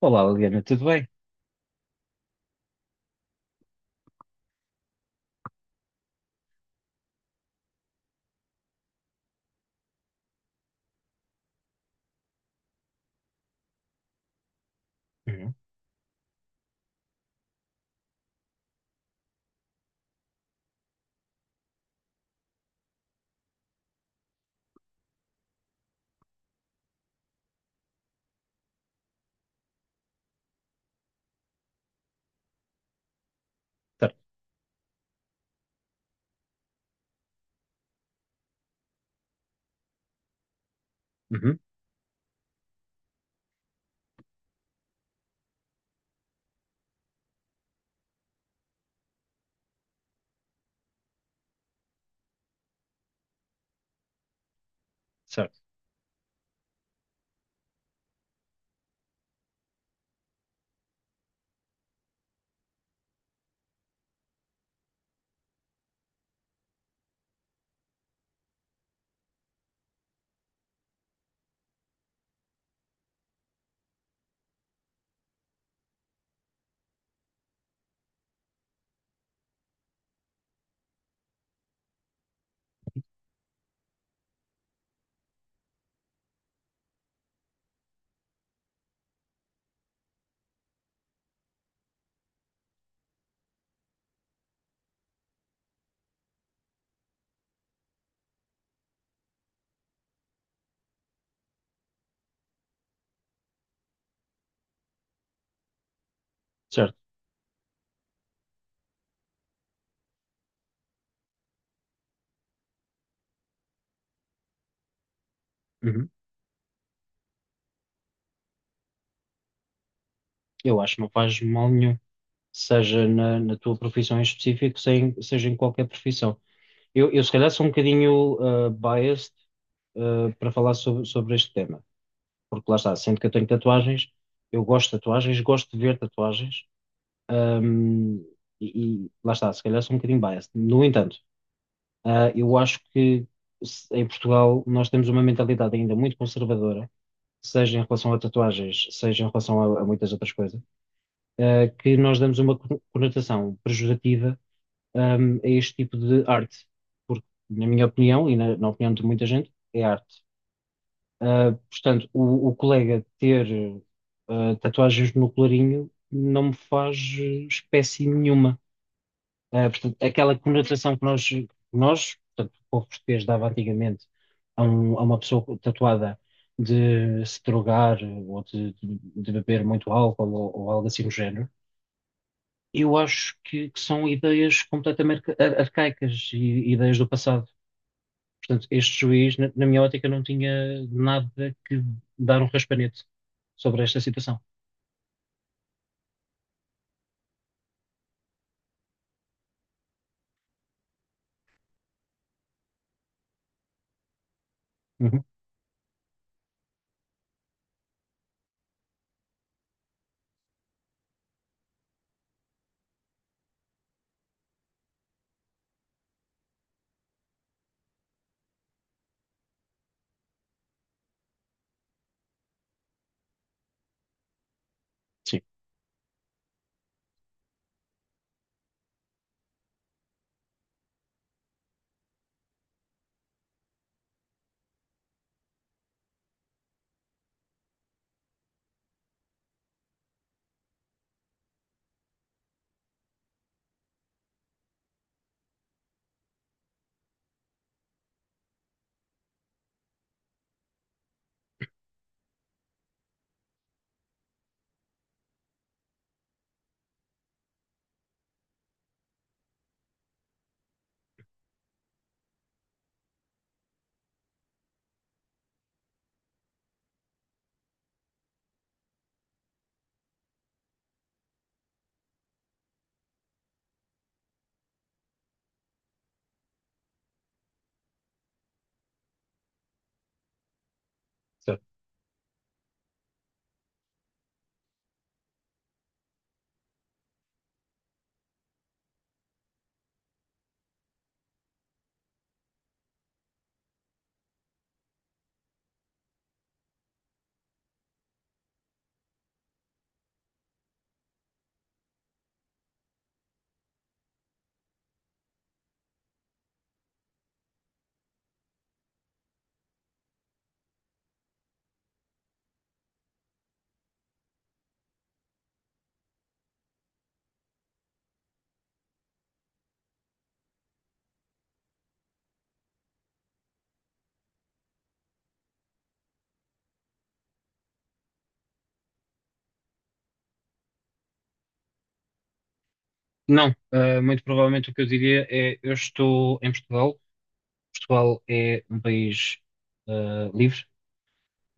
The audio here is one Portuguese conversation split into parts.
Olá, Liliana, tudo bem? Uhum. Certo. Uhum. Certo. Certo. Uhum. Eu acho que não faz mal nenhum, seja na tua profissão em específico, seja em qualquer profissão. Eu se calhar sou um bocadinho biased para falar sobre este tema, porque lá está, sendo que eu tenho tatuagens, eu gosto de tatuagens, gosto de ver tatuagens, ahm, e lá está, se calhar sou um bocadinho biased. No entanto, eu acho que em Portugal nós temos uma mentalidade ainda muito conservadora, seja em relação a tatuagens, seja em relação a, muitas outras coisas, que nós damos uma conotação pejorativa a este tipo de arte. Porque, na minha opinião, e na, opinião de muita gente, é arte. Portanto, o colega ter tatuagens no colarinho não me faz espécie nenhuma. Portanto, aquela conotação que nós, portanto, o povo português dava antigamente a uma pessoa tatuada, de se drogar ou de beber muito álcool, ou algo assim do género. Eu acho que, são ideias completamente arcaicas e ideias do passado. Portanto, este juiz, na minha ótica, não tinha nada que dar um raspanete sobre esta situação. Uhum, sim, certo. Não, muito provavelmente o que eu diria é: eu estou em Portugal. Portugal é um país livre,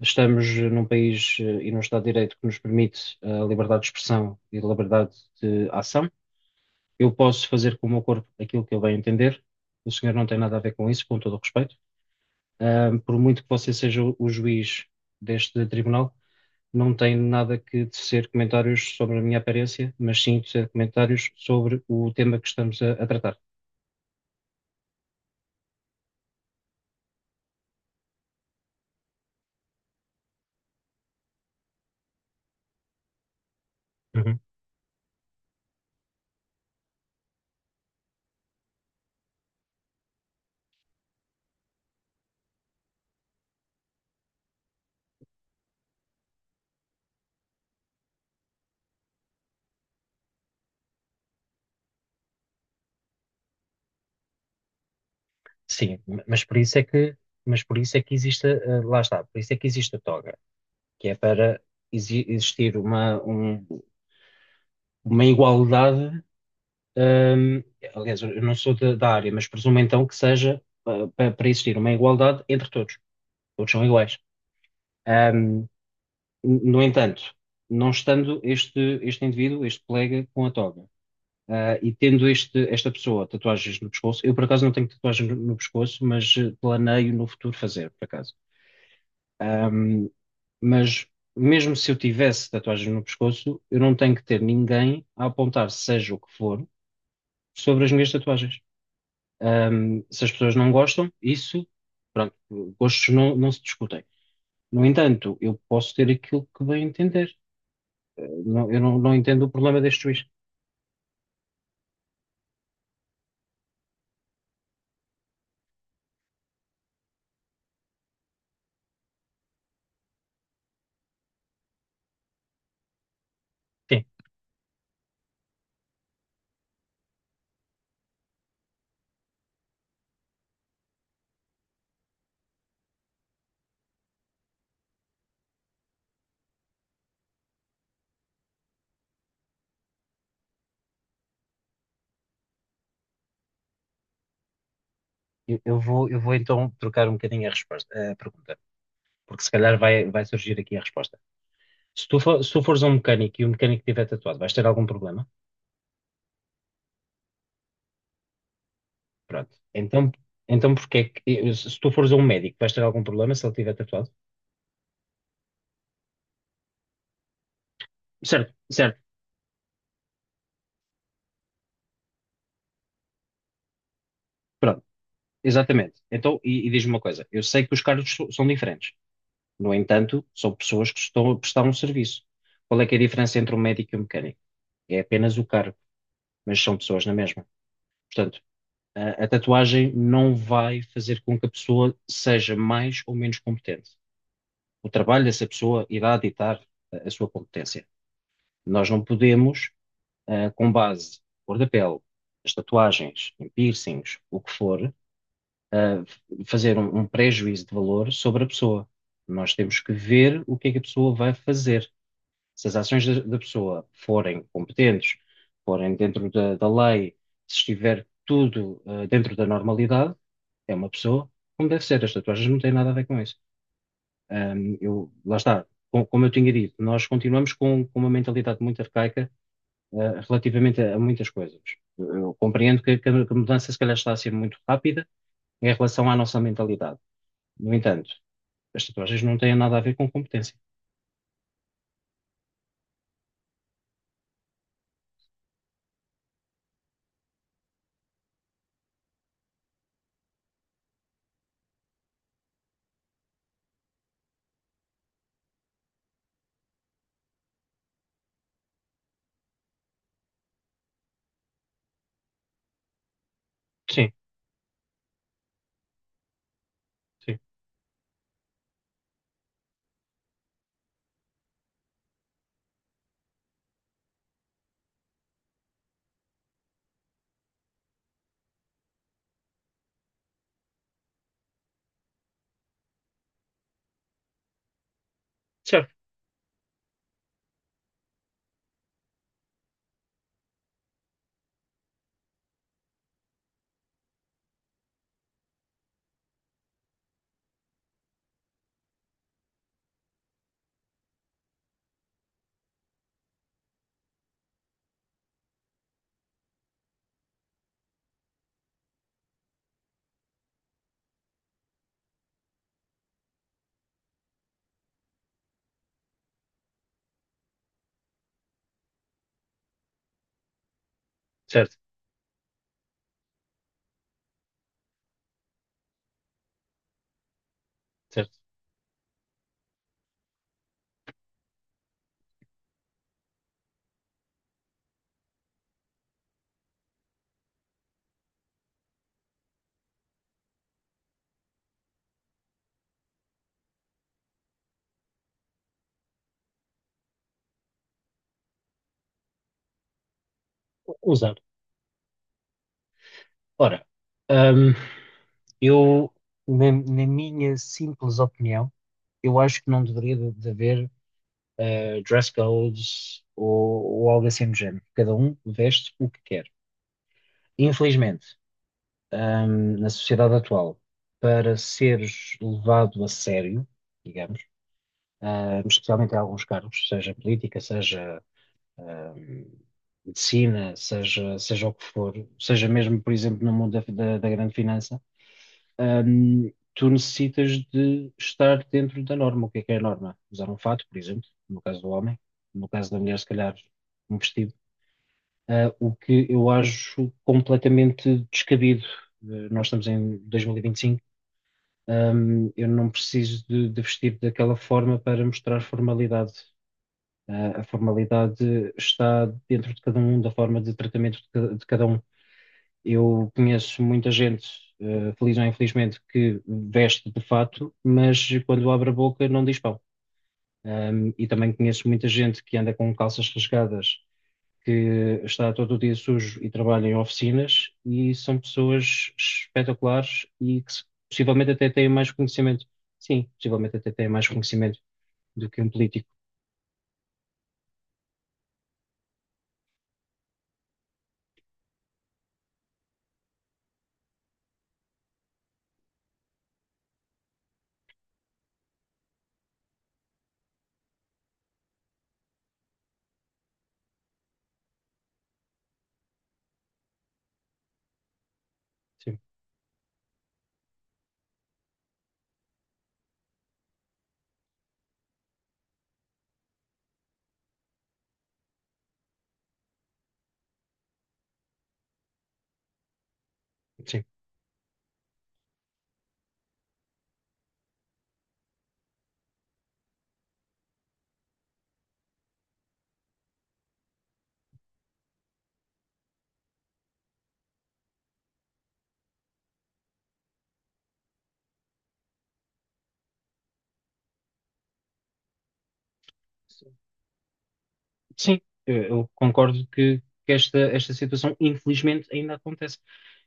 estamos num país, e num Estado de Direito que nos permite, a liberdade de expressão e liberdade de ação. Eu posso fazer com o meu corpo aquilo que eu bem entender. O senhor não tem nada a ver com isso, com todo o respeito. Por muito que você seja o juiz deste tribunal, não tem nada que tecer comentários sobre a minha aparência, mas sim tecer comentários sobre o tema que estamos a tratar. Uhum. Sim, mas por isso é que existe, lá está, por isso é que existe a toga, que é para existir uma, uma igualdade. ehm, Aliás, eu não sou da, área, mas presumo então que seja para existir uma igualdade entre todos. Todos são iguais. Ehm, no entanto, não estando este, indivíduo, este colega, com a toga, e tendo esta pessoa tatuagens no pescoço, eu por acaso não tenho tatuagem no pescoço, mas, planeio no futuro fazer, por acaso. Ahm, mas mesmo se eu tivesse tatuagens no pescoço, eu não tenho que ter ninguém a apontar, seja o que for, sobre as minhas tatuagens. Se as pessoas não gostam, isso, pronto, gostos não se discutem. No entanto, eu posso ter aquilo que bem entender. Eu não entendo o problema deste juiz. Sim, eu vou então trocar um bocadinho a resposta, a pergunta, porque se calhar vai surgir aqui a resposta. Se tu, for- se tu fores a um mecânico e o mecânico tiver tatuado, vais ter algum problema? Pronto. Então, porque é que se tu fores a um médico, vais ter algum problema se ele tiver tatuado? Certo, certo, pronto, exatamente. Então, e diz-me uma coisa: eu sei que os cargos são diferentes. No entanto, são pessoas que estão a prestar um serviço. Qual é que é a diferença entre um médico e um mecânico? É apenas o cargo, mas são pessoas na mesma. Portanto, a, tatuagem não vai fazer com que a pessoa seja mais ou menos competente. O trabalho dessa pessoa irá ditar a sua competência. Nós não podemos, com base cor da pele, as tatuagens, em piercings, o que for, ah, fazer um pré-juízo de valor sobre a pessoa. Nós temos que ver o que é que a pessoa vai fazer. Se as ações da da, pessoa forem competentes, forem dentro da lei, se estiver tudo, dentro da normalidade, é uma pessoa como deve ser. As tatuagens não têm nada a ver com isso. Eu, lá está. Como eu tinha dito, nós continuamos com uma mentalidade muito arcaica, relativamente a muitas coisas. Eu compreendo que a mudança se calhar está a ser muito rápida em relação à nossa mentalidade. No entanto, as tatuagens não têm nada a ver com competência. Sim, sim. Certo, certo, certo. Usar. Ora, hum, eu, na, minha simples opinião, eu acho que não deveria de, haver, dress codes ou algo assim do género. Cada um veste o que quer. Infelizmente, na sociedade atual, para seres levado a sério, digamos, especialmente em alguns cargos, seja política, seja, ahm, medicina, seja o que for, seja mesmo, por exemplo, no mundo da, da grande finança, tu necessitas de estar dentro da norma. O que é a norma? Usar um fato, por exemplo, no caso do homem, no caso da mulher, se calhar, um vestido. O que eu acho completamente descabido. Nós estamos em 2025. Eu não preciso de, vestir daquela forma para mostrar formalidade. A formalidade está dentro de cada um, da forma de tratamento de de cada um. Eu conheço muita gente, feliz ou infelizmente, que veste de fato, mas quando abre a boca não diz pão. E também conheço muita gente que anda com calças rasgadas, que está todo o dia sujo e trabalha em oficinas, e são pessoas espetaculares e que, possivelmente, até têm mais conhecimento. Sim, possivelmente até têm mais conhecimento do que um político. Sim, sim. Sim. Eu concordo que, esta situação infelizmente ainda acontece.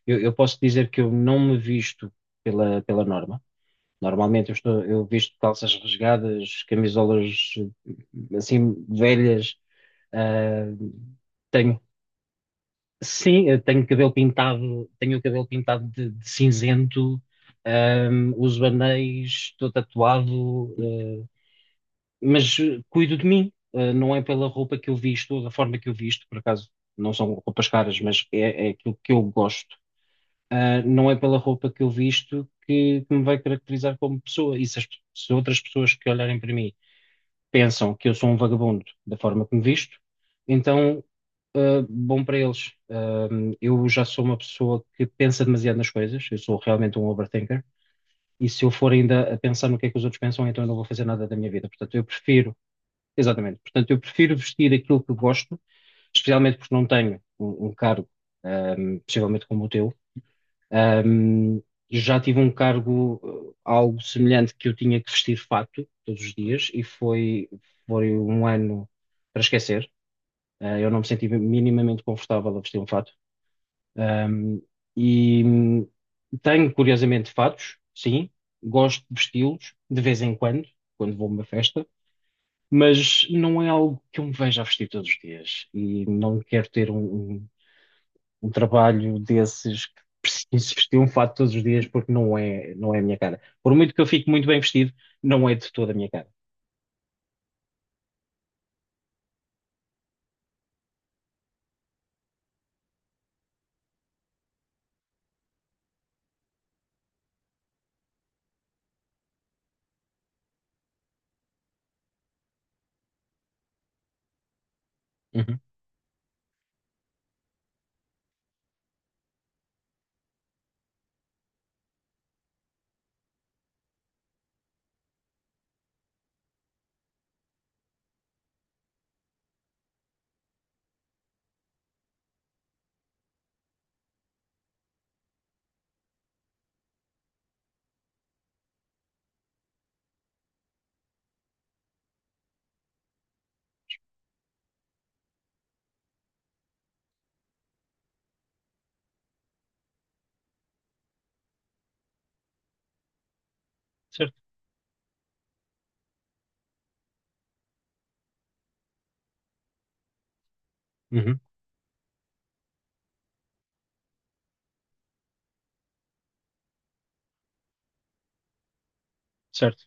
Eu posso dizer que eu não me visto pela norma. Normalmente eu visto calças rasgadas, camisolas, assim velhas. Ah, tenho Sim, eu tenho cabelo pintado, tenho o cabelo pintado de cinzento, Uso anéis, estou tatuado, mas cuido de mim. Não é pela roupa que eu visto, ou da forma que eu visto, por acaso não são roupas caras, mas é aquilo que eu gosto. Não é pela roupa que eu visto que me vai caracterizar como pessoa, e se outras pessoas que olharem para mim pensam que eu sou um vagabundo da forma que me visto, então, bom para eles. Eu já sou uma pessoa que pensa demasiado nas coisas, eu sou realmente um overthinker, e se eu for ainda a pensar no que é que os outros pensam, então eu não vou fazer nada da minha vida. Exatamente, portanto, eu prefiro vestir aquilo que gosto, especialmente porque não tenho um, cargo, ah, possivelmente como o teu. Ahm, já tive um cargo, algo semelhante, que eu tinha que vestir fato todos os dias, e foi um ano para esquecer. Eu não me senti minimamente confortável a vestir um fato. Ahm, e tenho, curiosamente, fatos, sim. Gosto de vesti-los de vez em quando, quando vou a uma festa, mas não é algo que eu me veja a vestir todos os dias, e não quero ter um, um trabalho desses, que preciso vestir um fato todos os dias, porque não é a minha cara. Por muito que eu fique muito bem vestido, não é de toda a minha cara. Uhum, certo. Uhum, certo.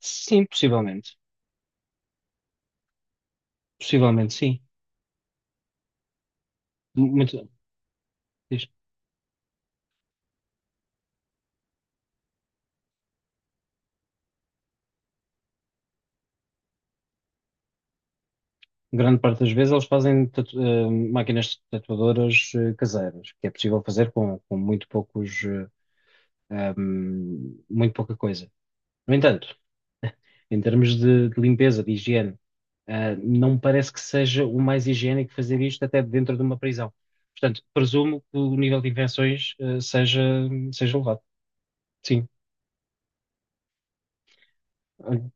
Sim, possivelmente. Possivelmente, sim. Muito, diz. Grande parte das vezes eles fazem máquinas tatuadoras, caseiras, que é possível fazer com, muito poucos, muito pouca coisa. No entanto, em termos de limpeza, de higiene. Não me parece que seja o mais higiênico fazer isto até dentro de uma prisão. Portanto, presumo que o nível de infecções, seja elevado. Sim. Olha,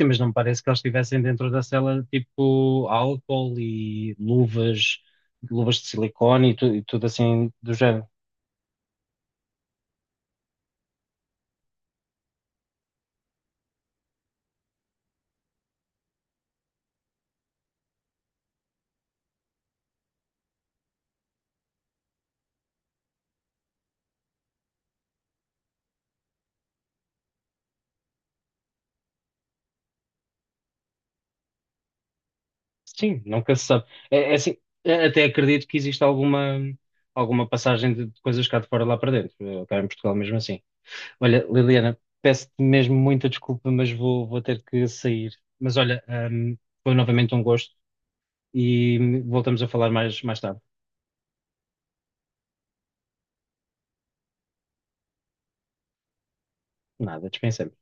sim, mas não me parece que eles estivessem dentro da cela tipo álcool e luvas, luvas de silicone e, e tudo assim do género. Sim, nunca se sabe. É assim, até acredito que exista alguma, passagem de coisas cá de fora lá para dentro, cá em Portugal, mesmo assim. Olha, Liliana, peço-te mesmo muita desculpa, mas vou, ter que sair. Mas olha, hum, foi novamente um gosto, e voltamos a falar mais, tarde. Nada, dispensemos.